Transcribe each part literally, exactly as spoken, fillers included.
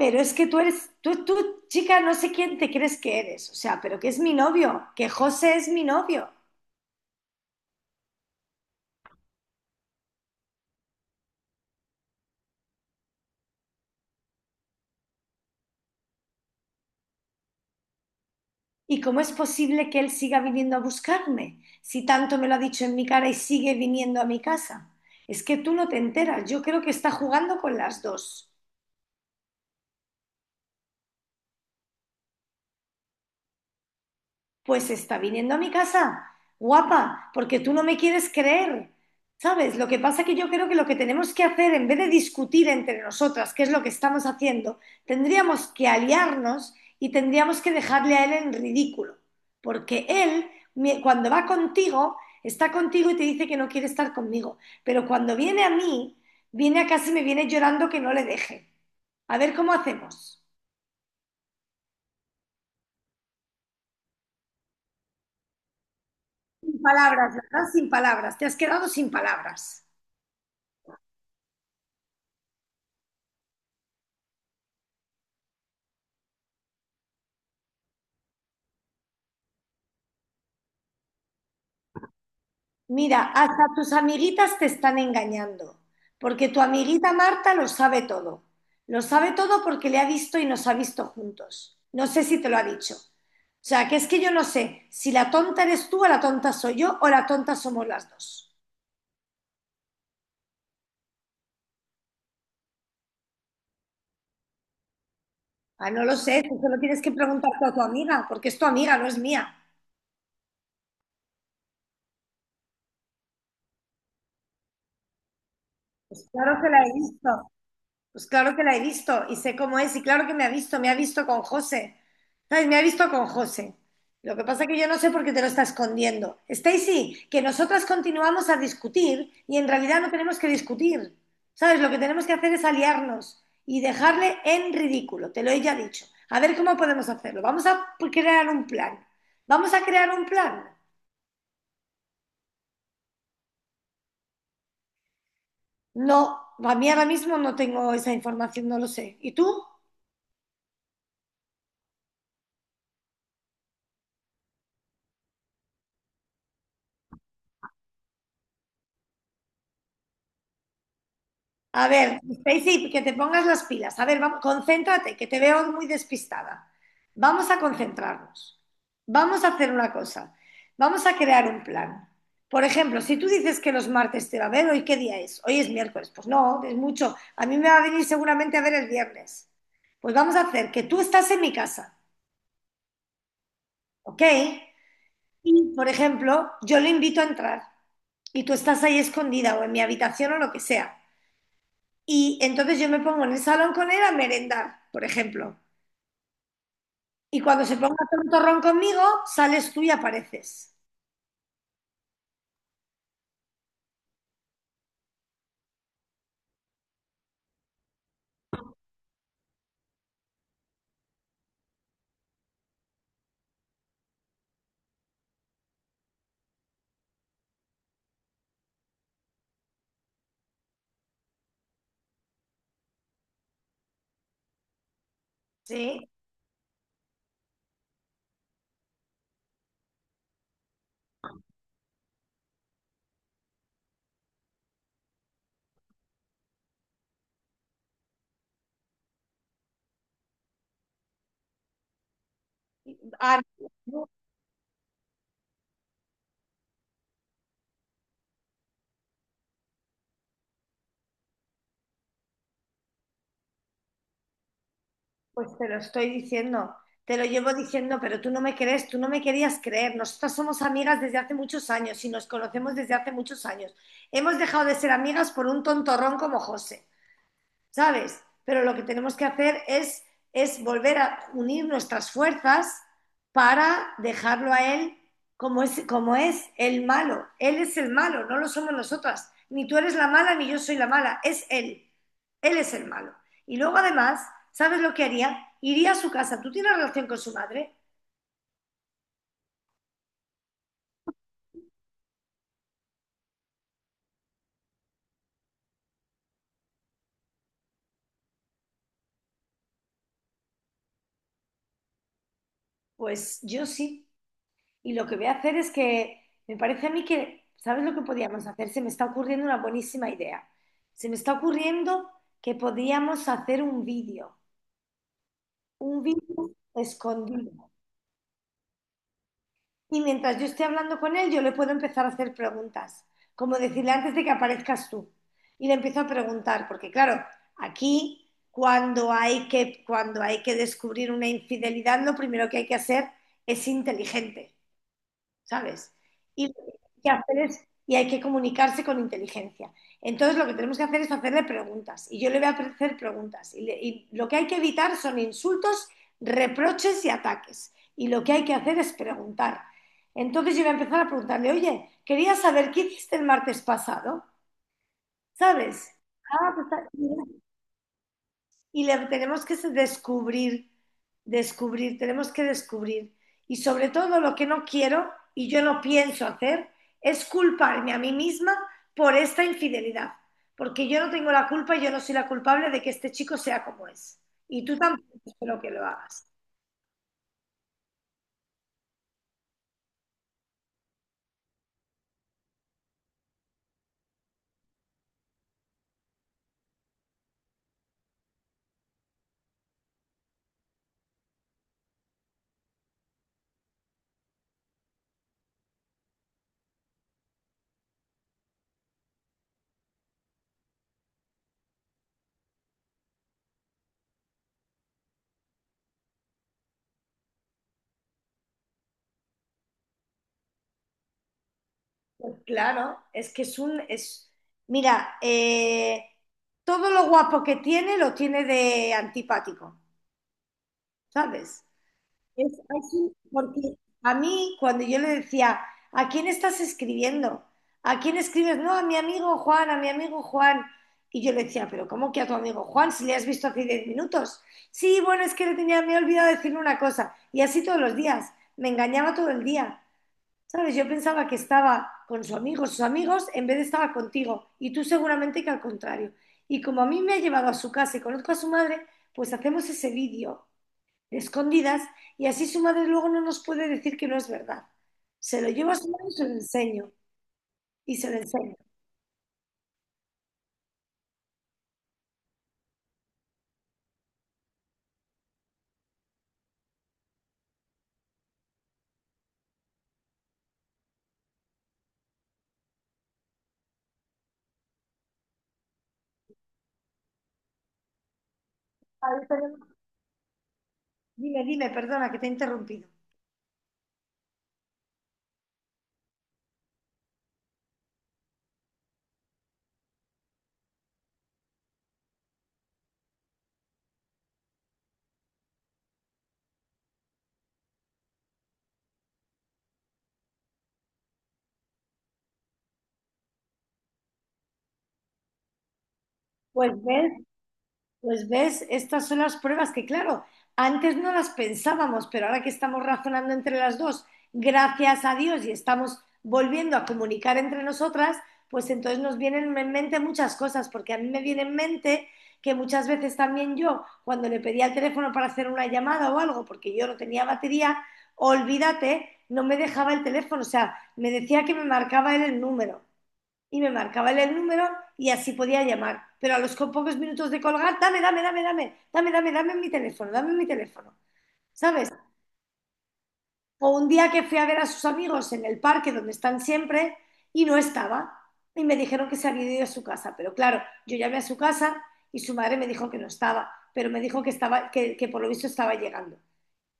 Pero es que tú eres, tú, tú, chica, no sé quién te crees que eres, o sea, pero que es mi novio, que José es mi novio. ¿Y cómo es posible que él siga viniendo a buscarme si tanto me lo ha dicho en mi cara y sigue viniendo a mi casa? Es que tú no te enteras, yo creo que está jugando con las dos. Pues está viniendo a mi casa, guapa, porque tú no me quieres creer. ¿Sabes? Lo que pasa es que yo creo que lo que tenemos que hacer, en vez de discutir entre nosotras qué es lo que estamos haciendo, tendríamos que aliarnos y tendríamos que dejarle a él en ridículo. Porque él, cuando va contigo, está contigo y te dice que no quiere estar conmigo. Pero cuando viene a mí, viene a casa y me viene llorando que no le deje. A ver cómo hacemos. Sin palabras, ¿verdad? Sin palabras. Te has quedado sin palabras. Mira, hasta tus amiguitas te están engañando, porque tu amiguita Marta lo sabe todo. Lo sabe todo porque le ha visto y nos ha visto juntos. No sé si te lo ha dicho. O sea, que es que yo no sé si la tonta eres tú o la tonta soy yo o la tonta somos las dos. Ah, no lo sé, eso se lo tienes que preguntar a tu amiga, porque es tu amiga, no es mía. Pues claro que la he visto. Pues claro que la he visto y sé cómo es y claro que me ha visto, me ha visto con José. ¿Sabes? Me ha visto con José. Lo que pasa es que yo no sé por qué te lo está escondiendo. Stacy, que nosotras continuamos a discutir y en realidad no tenemos que discutir. ¿Sabes? Lo que tenemos que hacer es aliarnos y dejarle en ridículo, te lo he ya dicho. A ver cómo podemos hacerlo. Vamos a crear un plan. ¿Vamos a crear un plan? No, a mí ahora mismo no tengo esa información, no lo sé. ¿Y tú? A ver, Stacy, que te pongas las pilas. A ver, vamos, concéntrate, que te veo muy despistada. Vamos a concentrarnos. Vamos a hacer una cosa. Vamos a crear un plan. Por ejemplo, si tú dices que los martes te va a ver, ¿hoy qué día es? Hoy es miércoles. Pues no, es mucho. A mí me va a venir seguramente a ver el viernes. Pues vamos a hacer que tú estás en mi casa, ¿ok? Y, por ejemplo, yo le invito a entrar y tú estás ahí escondida o en mi habitación o lo que sea. Y entonces yo me pongo en el salón con él a merendar, por ejemplo. Y cuando se ponga a hacer un torrón conmigo, sales tú y apareces. ¿Sí? Ah, no, pues te lo estoy diciendo, te lo llevo diciendo, pero tú no me crees, tú no me querías creer. Nosotras somos amigas desde hace muchos años y nos conocemos desde hace muchos años. Hemos dejado de ser amigas por un tontorrón como José. ¿Sabes? Pero lo que tenemos que hacer es, es volver a unir nuestras fuerzas para dejarlo a él como es, como es el malo. Él es el malo, no lo somos nosotras. Ni tú eres la mala, ni yo soy la mala. Es él. Él es el malo. Y luego además, ¿sabes lo que haría? Iría a su casa. ¿Tú tienes relación con su madre? Pues yo sí. Y lo que voy a hacer es que me parece a mí que, ¿sabes lo que podíamos hacer? Se me está ocurriendo una buenísima idea. Se me está ocurriendo que podíamos hacer un vídeo, un vídeo escondido. Y mientras yo esté hablando con él, yo le puedo empezar a hacer preguntas, como decirle antes de que aparezcas tú. Y le empiezo a preguntar, porque claro, aquí cuando hay que, cuando hay que descubrir una infidelidad, lo primero que hay que hacer es inteligente. ¿Sabes? Y lo que hay que hacer es y hay que comunicarse con inteligencia. Entonces lo que tenemos que hacer es hacerle preguntas y yo le voy a hacer preguntas. Y, le y lo que hay que evitar son insultos, reproches y ataques. Y lo que hay que hacer es preguntar. Entonces yo voy a empezar a preguntarle, oye, quería saber qué hiciste el martes pasado, ¿sabes? Ah, pues, tal y le tenemos que descubrir, descubrir, tenemos que descubrir. Y sobre todo lo que no quiero y yo no pienso hacer es culparme a mí misma por esta infidelidad, porque yo no tengo la culpa, yo no soy la culpable de que este chico sea como es. Y tú tampoco espero que lo hagas. Pues claro, es que es un... Es, mira, eh, todo lo guapo que tiene lo tiene de antipático, ¿sabes? Es así, porque a mí, cuando yo le decía, ¿a quién estás escribiendo? ¿A quién escribes? No, a mi amigo Juan, a mi amigo Juan. Y yo le decía, ¿pero cómo que a tu amigo Juan si le has visto hace diez minutos? Sí, bueno, es que le tenía, me he olvidado decirle una cosa. Y así todos los días. Me engañaba todo el día. ¿Sabes? Yo pensaba que estaba con su amigo, sus amigos, en vez de estaba contigo. Y tú seguramente que al contrario. Y como a mí me ha llevado a su casa y conozco a su madre, pues hacemos ese vídeo escondidas y así su madre luego no nos puede decir que no es verdad. Se lo llevo a su madre y se lo enseño. Y se lo enseño. A ver, perdona. Dime, dime, perdona que te he interrumpido. Pues ves, Pues ves, estas son las pruebas que, claro, antes no las pensábamos, pero ahora que estamos razonando entre las dos, gracias a Dios, y estamos volviendo a comunicar entre nosotras, pues entonces nos vienen en mente muchas cosas, porque a mí me viene en mente que muchas veces también yo, cuando le pedía el teléfono para hacer una llamada o algo, porque yo no tenía batería, olvídate, no me dejaba el teléfono, o sea, me decía que me marcaba él el número y me marcaban el número y así podía llamar. Pero a los pocos minutos de colgar, dame, dame, dame, dame, dame, dame, dame mi teléfono, dame mi teléfono, ¿sabes? O un día que fui a ver a sus amigos en el parque donde están siempre y no estaba y me dijeron que se había ido a su casa. Pero claro, yo llamé a su casa y su madre me dijo que no estaba, pero me dijo que estaba, que, que por lo visto estaba llegando.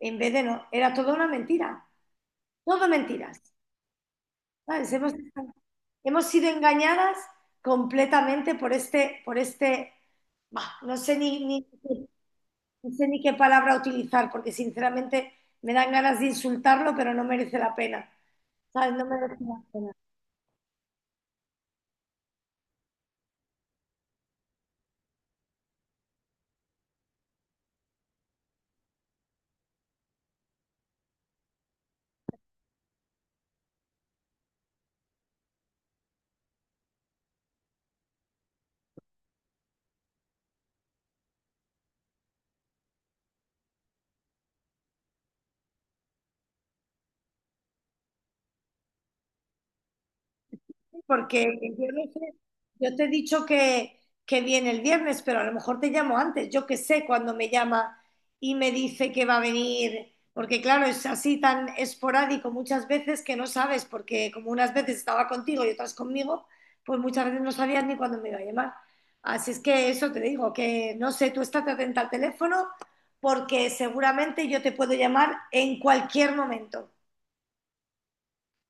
En vez de no, era toda una mentira, todo mentiras, ¿sabes? Hemos- estado Hemos sido engañadas completamente por este, por este, bah, no sé ni, ni- ni sé ni qué palabra utilizar, porque sinceramente me dan ganas de insultarlo, pero no merece la pena. ¿Sabes? No merece la pena. Porque yo no sé, yo te he dicho que, que viene el viernes, pero a lo mejor te llamo antes. Yo que sé cuando me llama y me dice que va a venir, porque claro, es así tan esporádico muchas veces que no sabes, porque como unas veces estaba contigo y otras conmigo, pues muchas veces no sabías ni cuándo me iba a llamar. Así es que eso te digo, que no sé, tú estate atenta al teléfono porque seguramente yo te puedo llamar en cualquier momento.